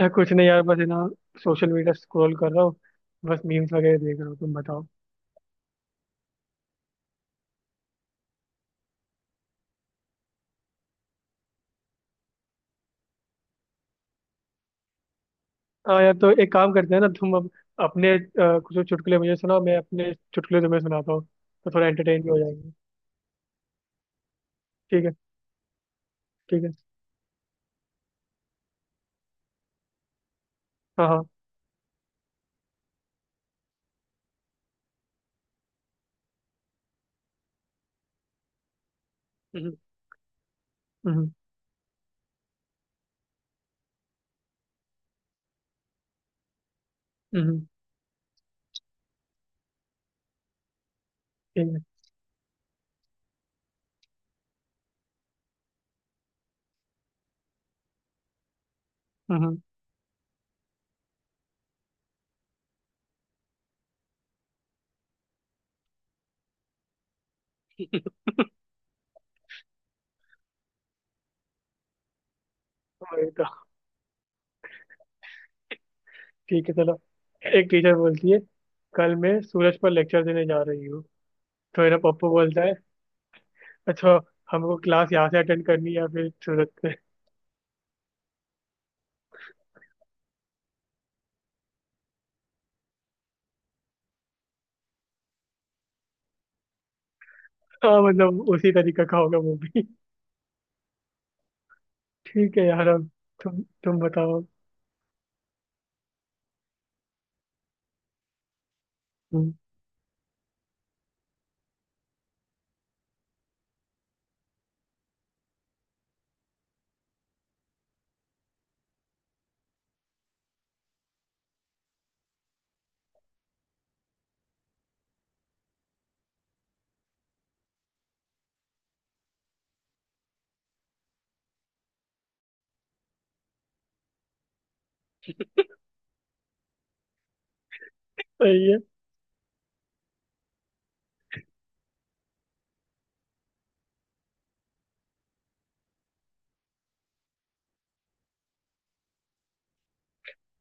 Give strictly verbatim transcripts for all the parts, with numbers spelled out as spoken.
यार कुछ नहीं यार, बस है ना, सोशल मीडिया स्क्रॉल कर रहा हूँ। बस मीम्स वगैरह देख रहा हूँ। तुम बताओ। हाँ यार, तो एक काम करते हैं ना, तुम अब अपने अ, कुछ तो चुटकुले मुझे सुनाओ, मैं अपने चुटकुले तुम्हें सुनाता हूँ। तो थोड़ा एंटरटेन भी हो जाएंगे। ठीक है। ठीक है। हाँ हाँ। हम्म हम्म हम्म। ठीक है। हम्म। वही तो। ठीक है, चलो। एक टीचर बोलती है, कल मैं सूरज पर लेक्चर देने जा रही हूँ। तो मेरा पप्पू बोलता है, अच्छा, हमको क्लास यहाँ से अटेंड करनी है या फिर सूरज से? हाँ, मतलब उसी तरीके का होगा वो भी। ठीक है यार, अब तुम तुम बताओ। हम्म। सही है।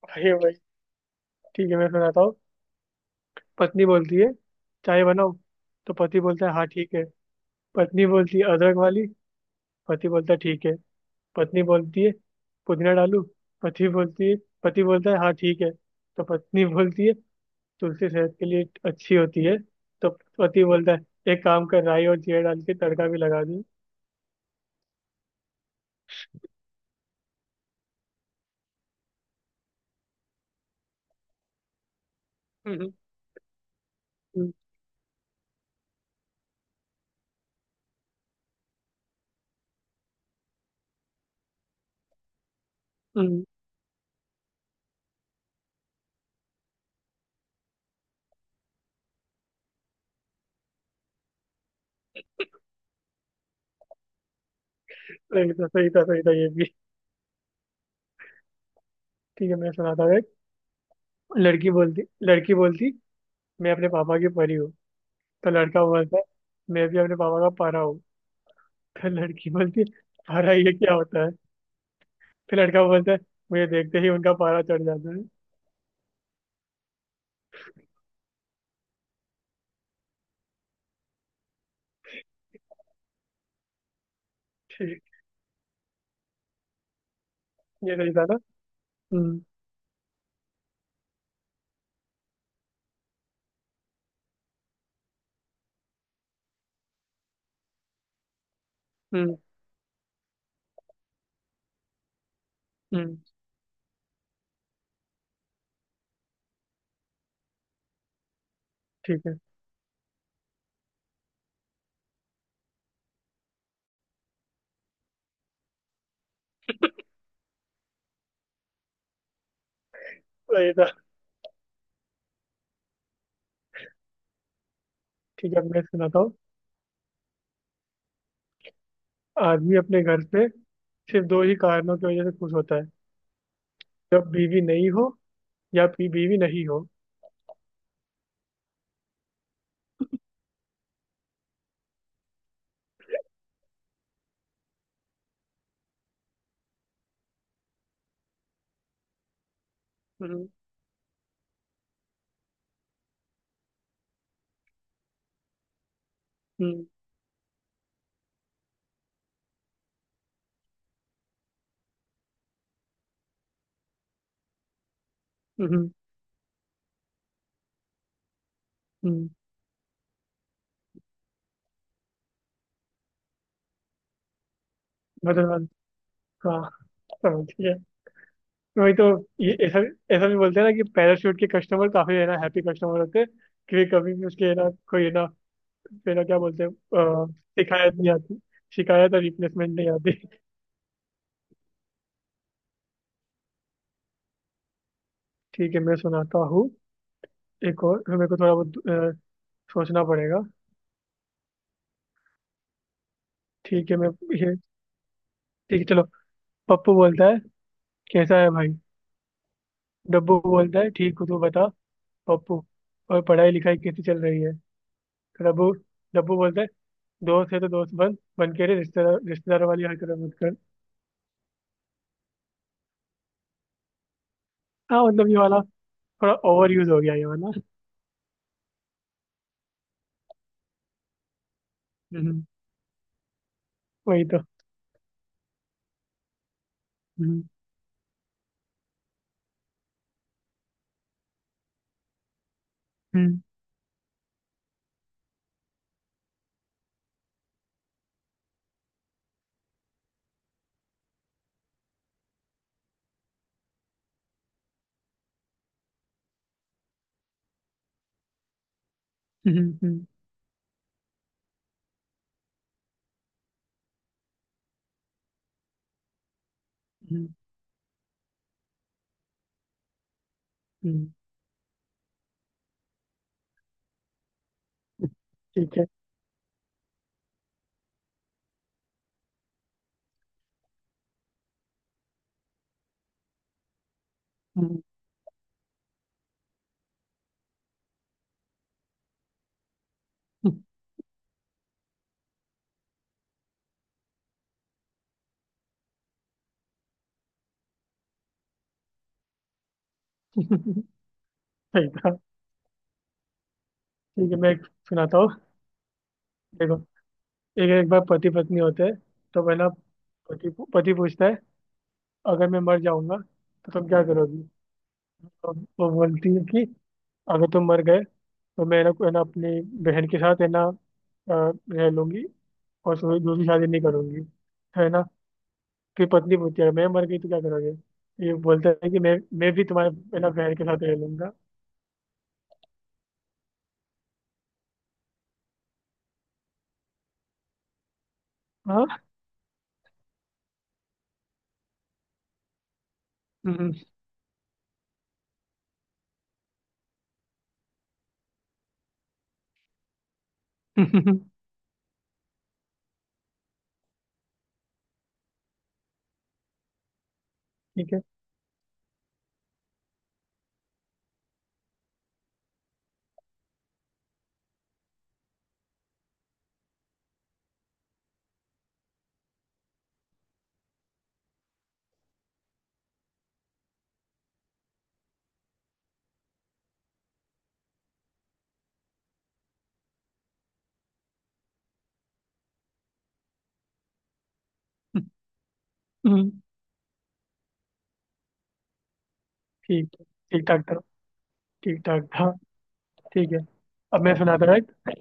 भाई भाई। ठीक है, मैं सुनाता हूँ। पत्नी बोलती है, चाय बनाओ। तो पति बोलता है, हाँ ठीक है। पत्नी बोलती है, अदरक वाली। पति बोलता है, ठीक है। पत्नी बोलती है, पुदीना डालूं? पति बोलती है पति बोलता है, हाँ ठीक है। तो पत्नी बोलती है, तुलसी सेहत के लिए अच्छी होती है। तो पति बोलता है, एक काम कर, राई और जीरा डाल के तड़का भी लगा दूं। हम्म। हम्म। हम्म। सही था, सही था, सही था ये भी। ठीक है, मैं सुनाता हूँ एक। लड़की बोलती लड़की बोलती मैं अपने पापा की परी हूँ। तो लड़का बोलता है, मैं भी अपने पापा का परा हूँ। फिर लड़की बोलती है, परा ये क्या होता है? फिर लड़का बोलता है, मुझे देखते ही उनका पारा चढ़ जाता है। ठीक। ये सही था ना। हम्म हम्म हम्म। ठीक है। तो ये था। ठीक है, अब मैं सुनाता हूँ। आदमी अपने घर पे सिर्फ दो ही कारणों की वजह से खुश होता है। जब बीवी नहीं हो, या फिर बीवी नहीं हो। हम्म हम्म हम्म हम्म। बदल। हाँ, समझ गया, वही तो। ये ऐसा ऐसा भी बोलते हैं ना कि पैराशूट के कस्टमर, काफी, है ना, हैप्पी कस्टमर होते हैं, कि कभी भी उसके, है ना, कोई, है ना, है ना, क्या बोलते हैं अ, शिकायत नहीं आती। शिकायत और रिप्लेसमेंट नहीं आती। ठीक है, मैं सुनाता हूँ एक और, फिर मेरे को थोड़ा बहुत अ, सोचना पड़ेगा। ठीक है। मैं ये ठीक है, चलो। पप्पू बोलता है, कैसा है भाई? डब्बू बोलता है, ठीक हूँ, तू बता। पप्पू, और पढ़ाई लिखाई कैसी चल रही है? तो डब्बू डब्बू बोलता है, दोस्त है तो दोस्त बन बन के रे, रिश्तेदार रिश्तेदार वाली हरकत मत कर। हाँ मतलब, ये वाला थोड़ा ओवर यूज हो गया, ये वाला। हम्म। वही तो। हम्म हम्म हम्म हम्म हम्म हम्म। ठीक है। हम्म। सही था। ठीक है, मैं एक सुनाता हूँ। देखो, एक एक बार पति पत्नी होते हैं। तो पहला पति पति पूछता है, अगर मैं मर जाऊंगा तो तुम क्या करोगी? तो वो बोलती है कि अगर तुम मर गए तो मैं, ना, है ना, अपनी बहन के साथ, है ना, अ, रह लूंगी, और उससे दूसरी शादी नहीं करूंगी, है ना। फिर पत्नी पूछती है, मैं मर गई तो क्या करोगे? ये बोलता है कि मैं मैं भी तुम्हारे पहला बहन के साथ रह लूंगा। हाँ। हम्म। ठीक है। हम्म। ठीक। ठीक ठाक था। ठीक ठाक था। ठीक है, अब मैं सुनाता हूँ एक।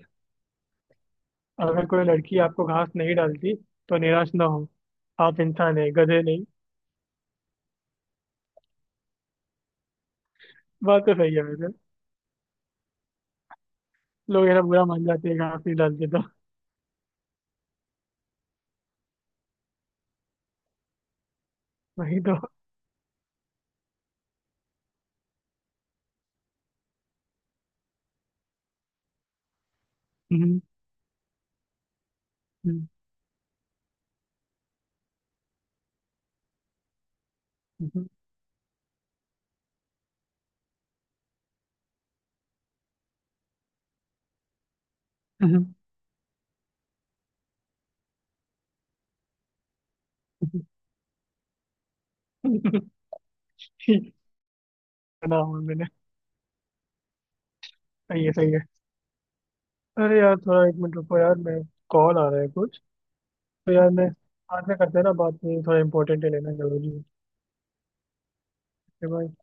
अगर कोई लड़की आपको घास नहीं डालती तो निराश ना हो। आप इंसान है, गधे नहीं। बात तो सही है वैसे। लोग, है ना, बुरा मान जाते हैं घास नहीं डालते तो। वही तो। ठीक। सुना हुआ मैंने। सही है, सही है। अरे यार, थोड़ा एक मिनट रुको यार। मैं कॉल आ रहा है कुछ। तो यार, मैं बाद में करते हैं ना बात। नहीं, थोड़ा इंपॉर्टेंट है, लेना जरूरी है। ठीक है भाई।